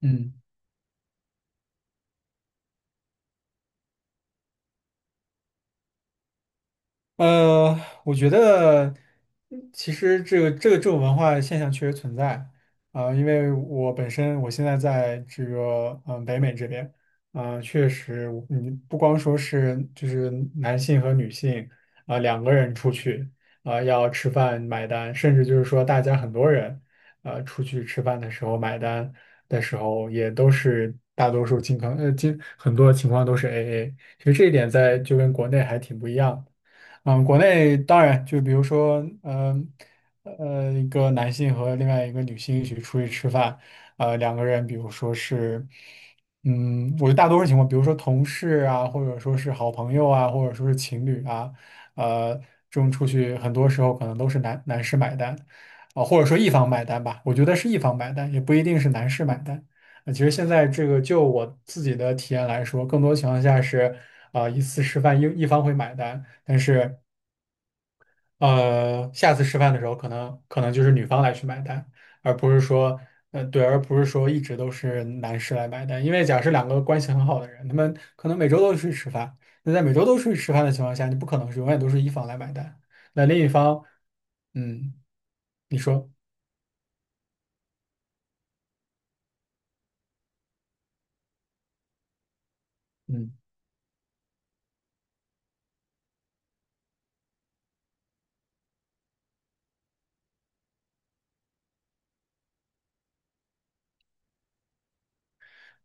嗯，呃，我觉得其实这个这种文化现象确实存在啊，因为我本身我现在在这个北美这边，啊，确实你不光说是就是男性和女性啊、两个人出去啊、要吃饭买单，甚至就是说大家很多人出去吃饭的时候买单的时候也都是大多数情况很多情况都是 AA，其实这一点在就跟国内还挺不一样。国内当然就比如说，嗯一个男性和另外一个女性一起出去吃饭，两个人，比如说是，我觉得大多数情况，比如说同事啊，或者说是好朋友啊，或者说是情侣啊，呃，这种出去很多时候可能都是男士买单，啊、或者说一方买单吧，我觉得是一方买单，也不一定是男士买单。其实现在这个就我自己的体验来说，更多情况下是，啊、一次吃饭一方会买单。但是下次吃饭的时候，可能就是女方来去买单，而不是说，对，而不是说一直都是男士来买单。因为假设两个关系很好的人，他们可能每周都出去吃饭，那在每周都出去吃饭的情况下，你不可能是永远都是一方来买单，那另一方，嗯，你说，嗯。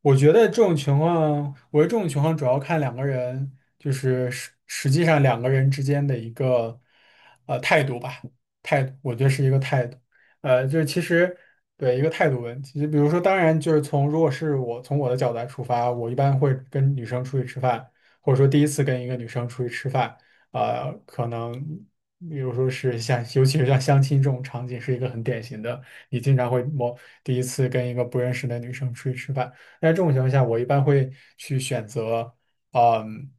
我觉得这种情况，我觉得这种情况主要看两个人，就是实际上两个人之间的一个态度吧，态度，我觉得是一个态度，就是其实对一个态度问题，就比如说，当然就是从如果是我从我的角度来出发，我一般会跟女生出去吃饭，或者说第一次跟一个女生出去吃饭，可能比如说是像尤其是像相亲这种场景，是一个很典型的，你经常会第一次跟一个不认识的女生出去吃饭。在这种情况下，我一般会去选择，嗯，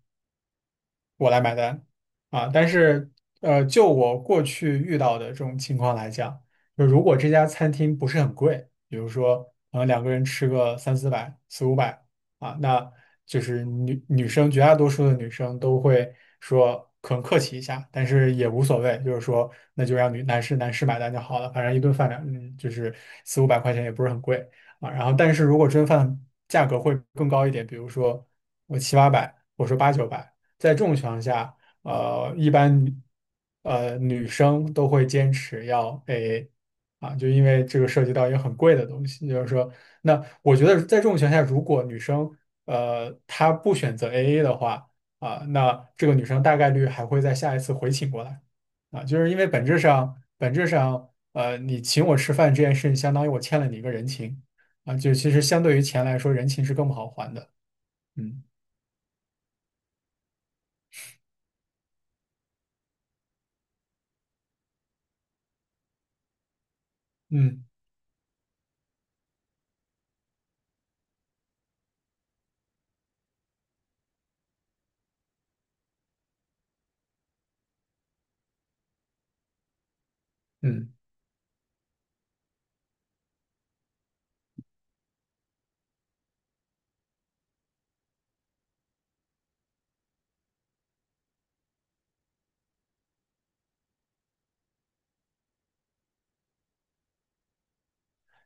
我来买单啊。但是，就我过去遇到的这种情况来讲，就如果这家餐厅不是很贵，比如说，两个人吃个三四百、四五百啊，那就是女生绝大多数的女生都会说。可能客气一下，但是也无所谓，就是说，那就让女男士男士买单就好了，反正一顿饭就是四五百块钱也不是很贵啊。然后，但是如果这顿饭价格会更高一点，比如说我七八百，我说八九百。在这种情况下，一般女生都会坚持要 AA 啊，就因为这个涉及到一个很贵的东西，就是说，那我觉得在这种情况下，如果女生她不选择 AA 的话啊，那这个女生大概率还会在下一次回请过来啊，就是因为本质上你请我吃饭这件事情，相当于我欠了你一个人情啊，就其实相对于钱来说，人情是更不好还的，嗯嗯嗯。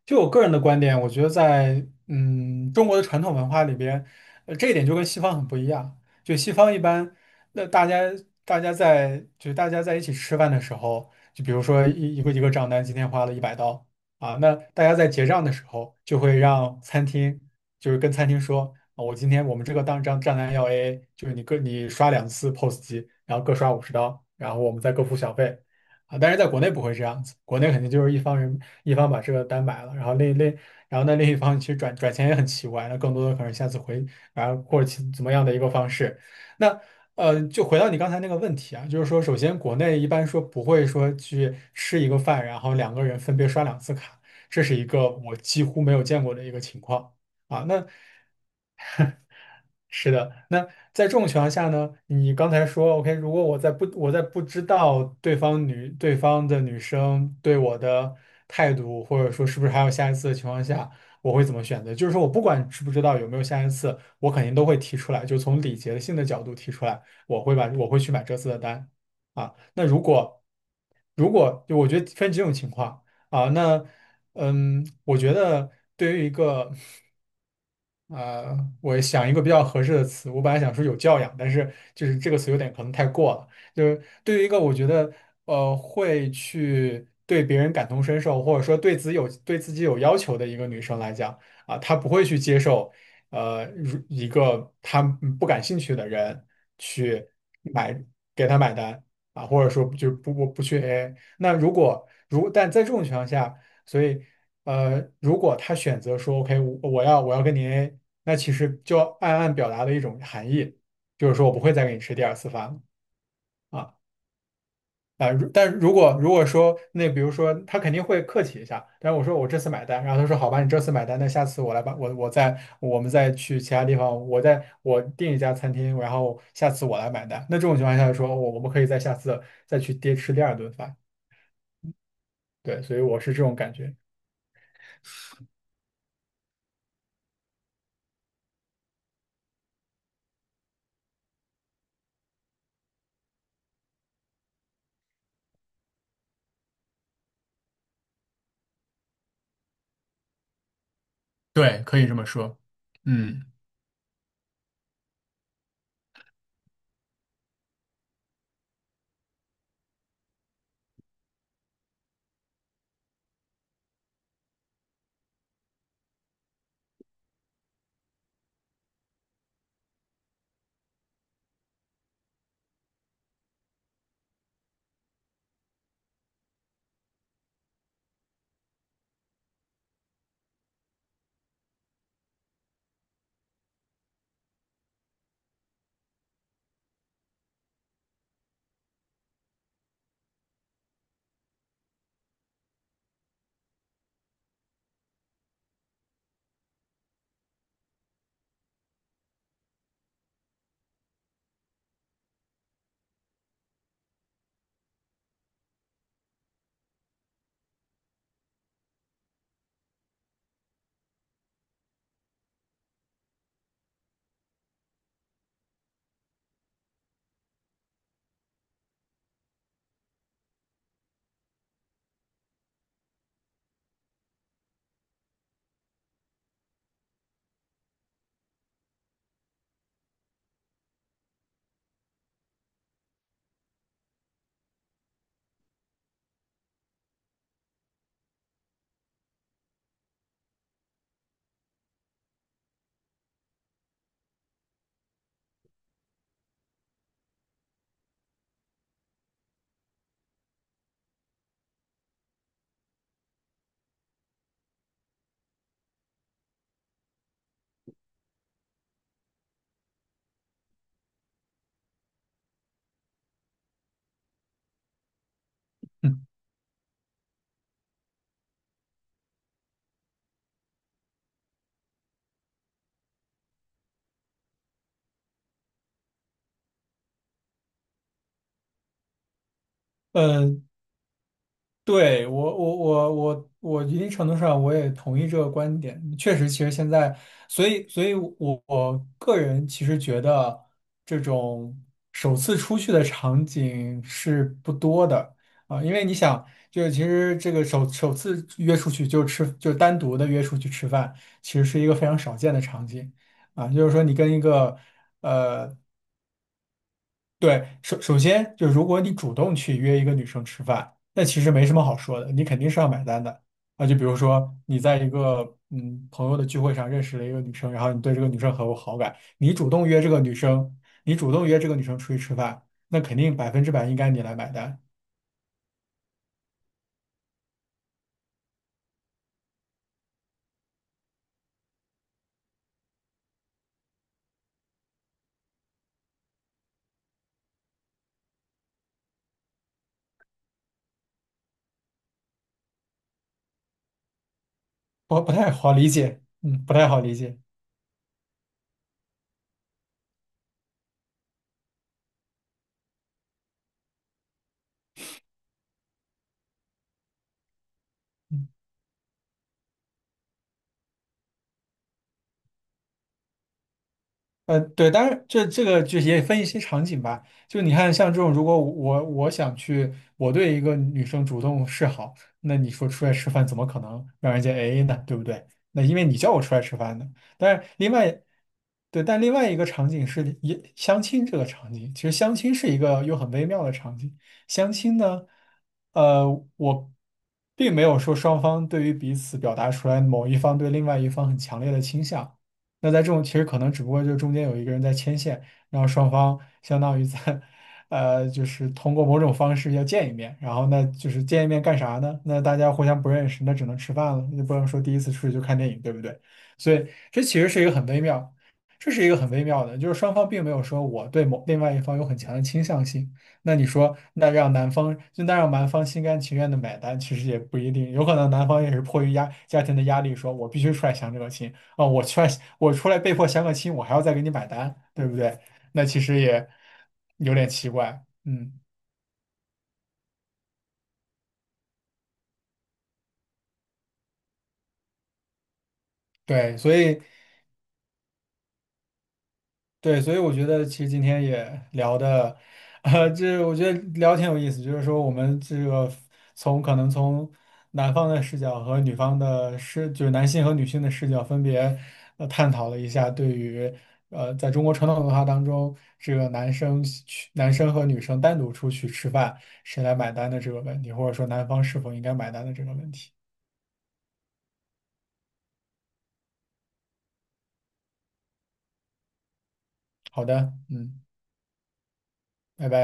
就我个人的观点，我觉得在中国的传统文化里边，这一点就跟西方很不一样。就西方一般，那大家在一起吃饭的时候，就比如说一个账单今天花了100刀啊，那大家在结账的时候就会让餐厅就是跟餐厅说，啊我今天我们这个账单要 AA，就是你刷两次 POS 机，然后各刷50刀，然后我们再各付小费。啊，但是在国内不会这样子，国内肯定就是一方把这个单买了，然后然后那另一方其实转钱也很奇怪，那更多的可能下次回，然后或者怎么样的一个方式。那就回到你刚才那个问题啊，就是说，首先国内一般说不会说去吃一个饭，然后两个人分别刷两次卡，这是一个我几乎没有见过的一个情况啊。那是的，那在这种情况下呢，你刚才说，OK，如果我在不知道对方女对方的女生对我的态度，或者说是不是还有下一次的情况下，我会怎么选择？就是说我不管知不知道有没有下一次，我肯定都会提出来，就从礼节性的角度提出来，我会去买这次的单啊。那如果如果就我觉得分几种情况啊，那我觉得对于一个呃，我想一个比较合适的词，我本来想说有教养，但是就是这个词有点可能太过了。就是对于一个我觉得会去对别人感同身受，或者说对自己有要求的一个女生来讲啊，她不会去接受如一个她不感兴趣的人去买给她买单啊，或者说就不去 AA。那如果如但在这种情况下，所以。如果他选择说 OK，我要跟你 a 那其实就暗暗表达的一种含义，就是说我不会再给你吃第二次饭了啊啊！如果说那比如说他肯定会客气一下，但是我说我这次买单，然后他说好吧，你这次买单，那下次我来吧，我们再去其他地方，我订一家餐厅，然后下次我来买单。那这种情况下说，我们可以在下次再去吃第二顿饭，对，所以我是这种感觉，对，可以这么说。嗯。嗯。嗯，对，我一定程度上我也同意这个观点。确实，其实现在，所以我个人其实觉得这种首次出去的场景是不多的啊，因为你想，就是其实这个首次约出去就单独的约出去吃饭，其实是一个非常少见的场景啊。就是说，你跟一个呃对，首先就如果你主动去约一个女生吃饭，那其实没什么好说的，你肯定是要买单的啊。就比如说你在一个朋友的聚会上认识了一个女生，然后你对这个女生很有好感，你主动约这个女生出去吃饭，那肯定100%应该你来买单，不太好理解，不太好理解。嗯对，当然这个就也分一些场景吧。就你看，像这种，如果我想去，我对一个女生主动示好，那你说出来吃饭怎么可能让人家 AA 呢？对不对？那因为你叫我出来吃饭的。但是另外，对，但另外一个场景是也相亲这个场景，其实相亲是一个又很微妙的场景。相亲呢，呃，我并没有说双方对于彼此表达出来某一方对另外一方很强烈的倾向。那在这种其实可能只不过就是中间有一个人在牵线，然后双方相当于在，就是通过某种方式要见一面，然后那就是见一面干啥呢？那大家互相不认识，那只能吃饭了，那不能说第一次出去就看电影，对不对？所以这其实是一个很微妙，这是一个很微妙的，就是双方并没有说我对某另外一方有很强的倾向性。那你说，那让男方心甘情愿的买单，其实也不一定，有可能男方也是迫于家庭的压力，说我必须出来相这个亲。啊，我出来被迫相个亲，我还要再给你买单，对不对？那其实也有点奇怪，对，所以。对，所以我觉得其实今天也聊的，这我觉得聊挺有意思，就是说我们这个从可能从男方的视角和女方的就是男性和女性的视角分别探讨了一下对于在中国传统文化当中，这个男生和女生单独出去吃饭，谁来买单的这个问题，或者说男方是否应该买单的这个问题。好的，嗯，拜拜。